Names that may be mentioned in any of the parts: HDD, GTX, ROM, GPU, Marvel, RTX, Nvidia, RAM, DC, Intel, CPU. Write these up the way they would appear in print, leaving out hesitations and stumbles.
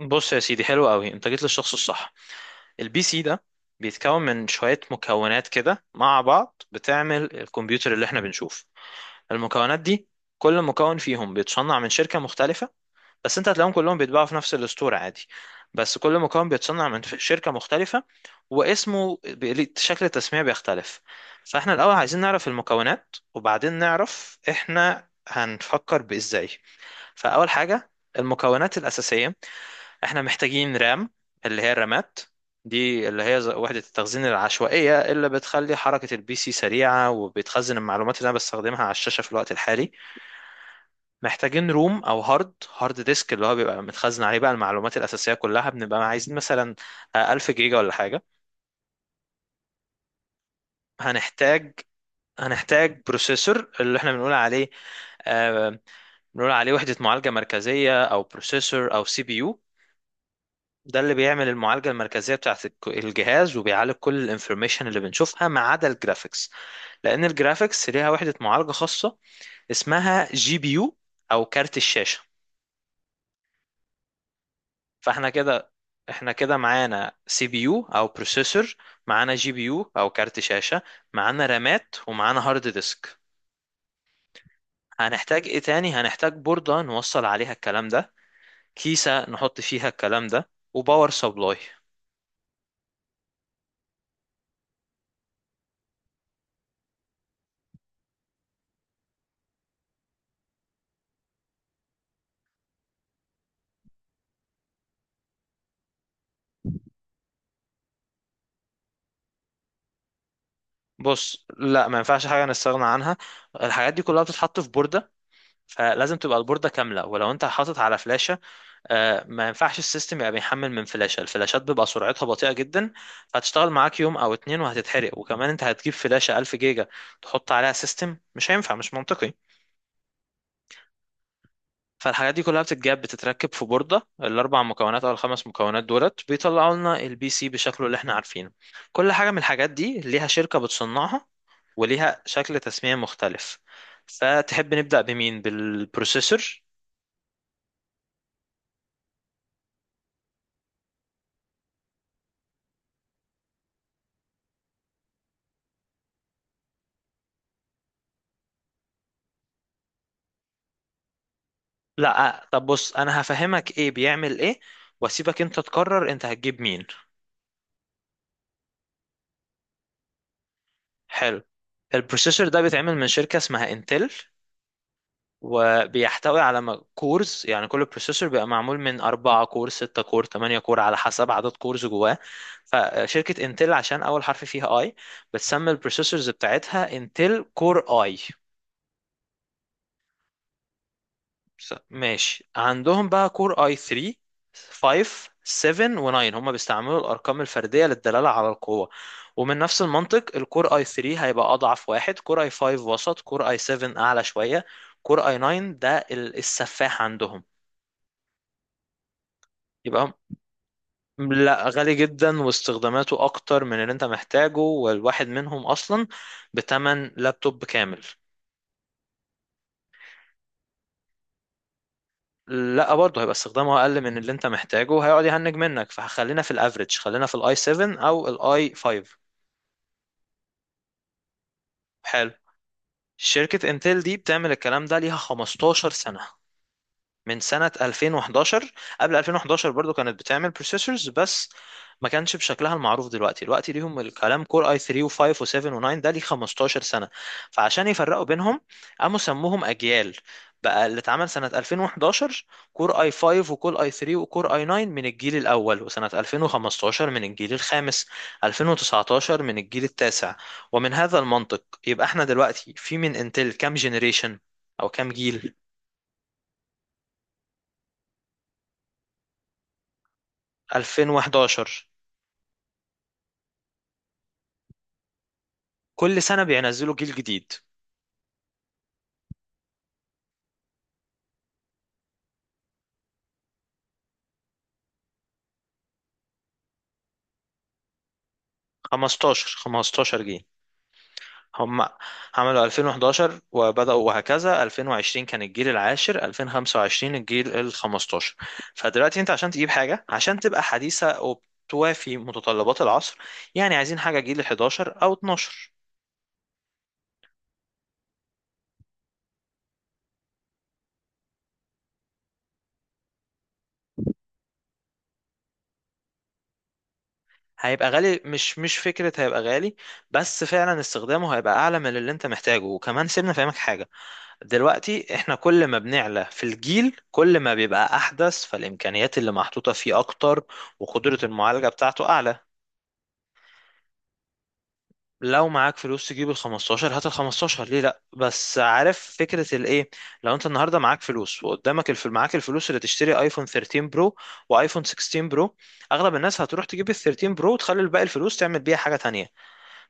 بص يا سيدي، حلو قوي انت جيت للشخص الصح. البي سي ده بيتكون من شوية مكونات كده مع بعض بتعمل الكمبيوتر اللي احنا بنشوف. المكونات دي كل مكون فيهم بيتصنع من شركة مختلفة، بس انت هتلاقيهم كلهم بيتباعوا في نفس الستور عادي. بس كل مكون بيتصنع من شركة مختلفة، واسمه شكل التسمية بيختلف. فاحنا الأول عايزين نعرف المكونات، وبعدين نعرف احنا هنفكر بإزاي. فأول حاجة المكونات الأساسية، احنا محتاجين رام، اللي هي الرامات، دي اللي هي وحدة التخزين العشوائية اللي بتخلي حركة البي سي سريعة وبتخزن المعلومات اللي انا بستخدمها على الشاشة في الوقت الحالي. محتاجين روم او هارد، هارد ديسك، اللي هو بيبقى متخزن عليه بقى المعلومات الأساسية كلها، بنبقى عايزين مثلا 1000 جيجا ولا حاجة. هنحتاج هنحتاج بروسيسور اللي احنا بنقول عليه، آه، بنقول عليه وحدة معالجة مركزية او بروسيسور او سي بي يو. ده اللي بيعمل المعالجة المركزية بتاعت الجهاز، وبيعالج كل الانفورميشن اللي بنشوفها ما عدا الجرافيكس، لأن الجرافيكس ليها وحدة معالجة خاصة اسمها جي بي يو أو كارت الشاشة. فاحنا كده، احنا كده معانا سي بي يو أو بروسيسور، معانا جي بي يو أو كارت شاشة، معانا رامات، ومعانا هارد ديسك. هنحتاج ايه تاني؟ هنحتاج بوردة نوصل عليها الكلام ده، كيسة نحط فيها الكلام ده، وباور سبلاي. بص لا، ما ينفعش حاجة نستغنى عنها. الحاجات دي كلها بتتحط في بوردة، فلازم تبقى البوردة كاملة. ولو انت حاطط على فلاشة، ما ينفعش السيستم يبقى بيحمل من فلاشة. الفلاشات بيبقى سرعتها بطيئة جدا، فهتشتغل معاك يوم او اتنين وهتتحرق. وكمان انت هتجيب فلاشة 1000 جيجا تحط عليها سيستم؟ مش هينفع، مش منطقي. فالحاجات دي كلها بتتجاب بتتركب في بوردة، الأربع مكونات أو الخمس مكونات دولت بيطلعوا لنا البي سي بشكله اللي احنا عارفينه. كل حاجة من الحاجات دي ليها شركة بتصنعها وليها شكل تسمية مختلف. فتحب نبدأ بمين؟ بالبروسيسور؟ لا طب، بص انا هفهمك ايه بيعمل ايه، واسيبك انت تقرر انت هتجيب مين. حلو. البروسيسور ده بيتعمل من شركة اسمها انتل، وبيحتوي على كورز. يعني كل بروسيسور بيبقى معمول من أربعة كور، ستة كور، تمانية كور، على حسب عدد كورز جواه. فشركة انتل، عشان أول حرف فيها اي، بتسمي البروسيسورز بتاعتها انتل كور اي. ماشي. عندهم بقى كور اي 3، 5، 7 و9. هما بيستعملوا الارقام الفرديه للدلاله على القوه، ومن نفس المنطق الكور اي 3 هيبقى اضعف واحد، كور اي 5 وسط، كور اي 7 اعلى شويه، كور اي 9 ده السفاح عندهم. يبقى هم، لا، غالي جدا واستخداماته اكتر من اللي انت محتاجه، والواحد منهم اصلا بتمن لابتوب كامل. لا برضه هيبقى استخدامه اقل من اللي انت محتاجه، هيقعد يهنج منك. فخلينا في الافريج، خلينا في الاي 7 او الاي 5. حلو. شركة انتل دي بتعمل الكلام ده ليها 15 سنة، من سنة 2011. قبل 2011 برضو كانت بتعمل بروسيسورز، بس ما كانش بشكلها المعروف دلوقتي. دلوقتي ليهم الكلام كور اي 3 و5 و7 و9، ده ليه 15 سنة، فعشان يفرقوا بينهم قاموا سموهم أجيال. بقى اللي اتعمل سنة 2011 كور اي 5 وكور اي 3 وكور اي 9 من الجيل الأول، وسنة 2015 من الجيل الخامس، 2019 من الجيل التاسع. ومن هذا المنطق يبقى احنا دلوقتي في من انتل كام جنريشن أو كام جيل؟ 2011، كل سنة بينزلوا جيل جديد، 15، 15 جيل. هم عملوا 2011 وبدأوا وهكذا، 2020 كان الجيل العاشر، 2025 الجيل ال 15. فدلوقتي انت عشان تجيب حاجة عشان تبقى حديثة وبتوافي متطلبات العصر، يعني عايزين حاجة جيل 11 أو 12. هيبقى غالي، مش فكرة هيبقى غالي، بس فعلا استخدامه هيبقى أعلى من اللي انت محتاجه. وكمان سيبنا فاهمك حاجة، دلوقتي احنا كل ما بنعلى في الجيل كل ما بيبقى احدث، فالامكانيات اللي محطوطة فيه اكتر، وقدرة المعالجة بتاعته اعلى. لو معاك فلوس تجيب ال 15 هات ال 15، ليه لا؟ بس عارف فكرة الايه، لو انت النهاردة معاك فلوس وقدامك معاك الفلوس اللي تشتري ايفون 13 برو وايفون 16 برو، اغلب الناس هتروح تجيب ال 13 برو وتخلي الباقي الفلوس تعمل بيها حاجة تانية.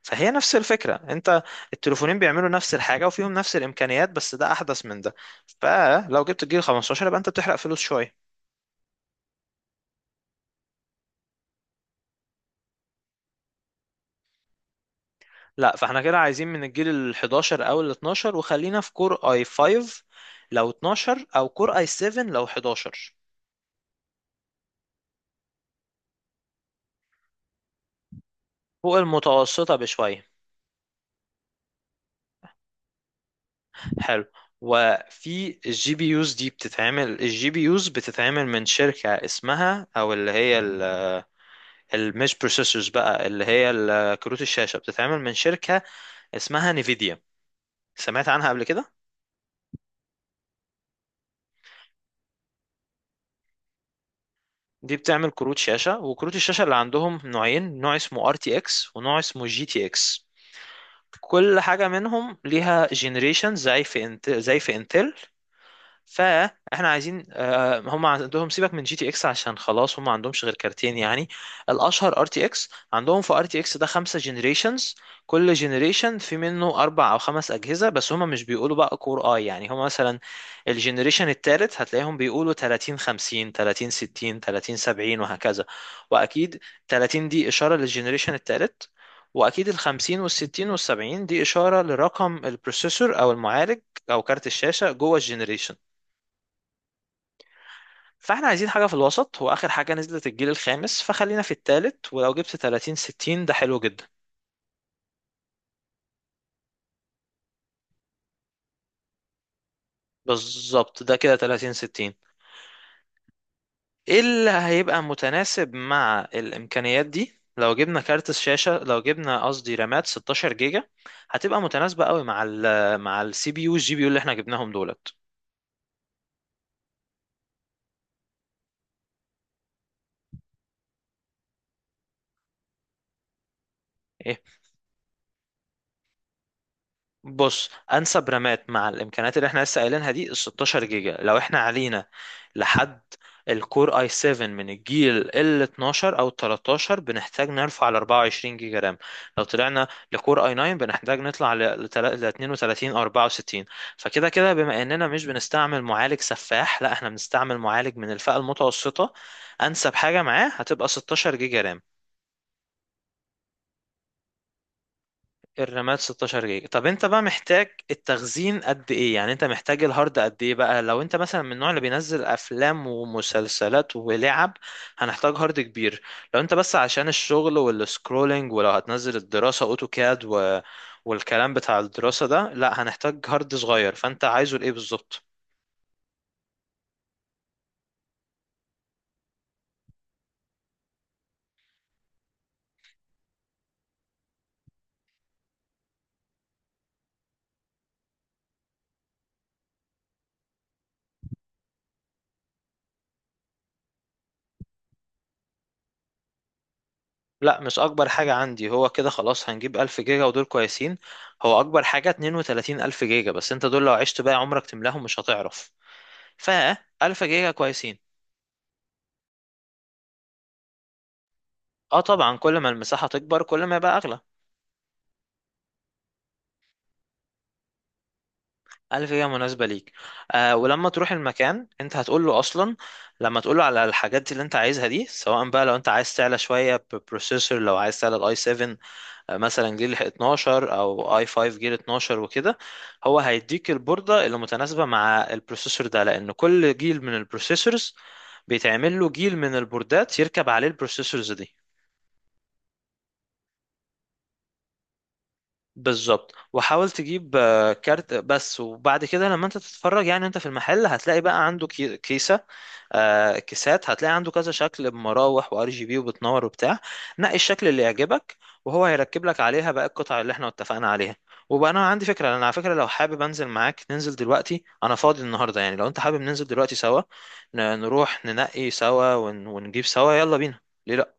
فهي نفس الفكرة، انت التليفونين بيعملوا نفس الحاجة وفيهم نفس الامكانيات، بس ده احدث من ده. فلو جبت الجيل 15 يبقى انت بتحرق فلوس شوية. لا، فاحنا كده عايزين من الجيل ال 11 او ال 12، وخلينا في كور اي 5 لو 12، او كور اي 7 لو 11. فوق المتوسطة بشوية. حلو. وفي الجي بي يوز دي بتتعمل الجي بي يوز بتتعمل من شركة اسمها او اللي هي المش بروسيسورز بقى، اللي هي كروت الشاشة، بتتعمل من شركة اسمها نيفيديا. سمعت عنها قبل كده؟ دي بتعمل كروت شاشة، وكروت الشاشة اللي عندهم نوعين، نوع اسمه RTX ونوع اسمه GTX. كل حاجة منهم ليها جنريشن زي في زي في انتل. فاحنا عايزين، هم عندهم سيبك من جي تي اكس عشان خلاص هم ما عندهمش غير كارتين يعني، الاشهر ار تي اكس. عندهم في ار تي اكس ده خمسة جنريشنز، كل جنريشن في منه اربع او خمس اجهزه، بس هم مش بيقولوا بقى كور اي، يعني هم مثلا الجنريشن التالت هتلاقيهم بيقولوا 30 50، 30 60، 30 70 وهكذا. واكيد 30 دي اشاره للجنريشن التالت، واكيد ال 50 وال 60 وال 70 دي اشاره لرقم البروسيسور او المعالج او كارت الشاشه جوه الجنريشن. فاحنا عايزين حاجة في الوسط، واخر حاجة نزلت الجيل الخامس فخلينا في التالت، ولو جبت 30 60 ده حلو جدا. بالظبط، ده كده 30 60. ايه اللي هيبقى متناسب مع الامكانيات دي؟ لو جبنا كارت الشاشة لو جبنا قصدي رامات 16 جيجا، هتبقى متناسبة قوي مع مع السي بي يو والجي بي يو اللي احنا جبناهم دولت. إيه؟ بص، انسب رامات مع الامكانيات اللي احنا لسه قايلينها دي ال 16 جيجا. لو احنا علينا لحد الكور اي 7 من الجيل ال 12 او 13، بنحتاج نرفع ل 24 جيجا رام. لو طلعنا لكور اي 9 بنحتاج نطلع ل 32 او 64. فكده كده بما اننا مش بنستعمل معالج سفاح، لا، احنا بنستعمل معالج من الفئة المتوسطة، انسب حاجة معاه هتبقى 16 جيجا رام. الرامات 16 جيجا. طب انت بقى محتاج التخزين قد ايه؟ يعني انت محتاج الهارد قد ايه بقى؟ لو انت مثلا من النوع اللي بينزل افلام ومسلسلات ولعب هنحتاج هارد كبير. لو انت بس عشان الشغل والسكرولينج، ولو هتنزل الدراسة اوتوكاد و... والكلام بتاع الدراسة ده، لا هنحتاج هارد صغير. فانت عايزه لايه بالظبط؟ لا مش اكبر حاجة عندي، هو كده خلاص هنجيب 1000 جيجا ودول كويسين. هو اكبر حاجة 32000 جيجا، بس انت دول لو عشت بقى عمرك تملاهم مش هتعرف. فألف جيجا كويسين. اه طبعا، كل ما المساحة تكبر كل ما يبقى أغلى. ألف جيجا مناسبة ليك. آه، ولما تروح المكان انت هتقول له أصلا، لما تقول له على الحاجات اللي انت عايزها دي، سواء بقى لو انت عايز تعلى شوية بروسيسور، لو عايز تعلى الاي 7، مثلا جيل 12 او اي 5 جيل 12 وكده، هو هيديك البوردة اللي متناسبة مع البروسيسور ده، لأن كل جيل من البروسيسورز بيتعمل له جيل من البوردات يركب عليه البروسيسورز دي. بالظبط. وحاول تجيب، كارت بس، وبعد كده لما انت تتفرج، يعني انت في المحل هتلاقي بقى عنده كيسة، كيسات، هتلاقي عنده كذا شكل بمراوح وار جي بي وبتنور وبتاع، نقي الشكل اللي يعجبك وهو هيركب لك عليها بقى القطع اللي احنا اتفقنا عليها. وبقى انا عندي فكرة، انا على فكرة لو حابب انزل معاك ننزل دلوقتي، انا فاضي النهاردة يعني، لو انت حابب ننزل دلوقتي سوا، نروح ننقي سوا ونجيب سوا، يلا بينا. ليه لا؟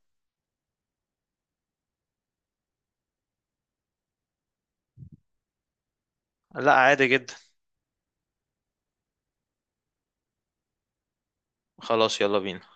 لا عادي جدا. خلاص يلا بينا.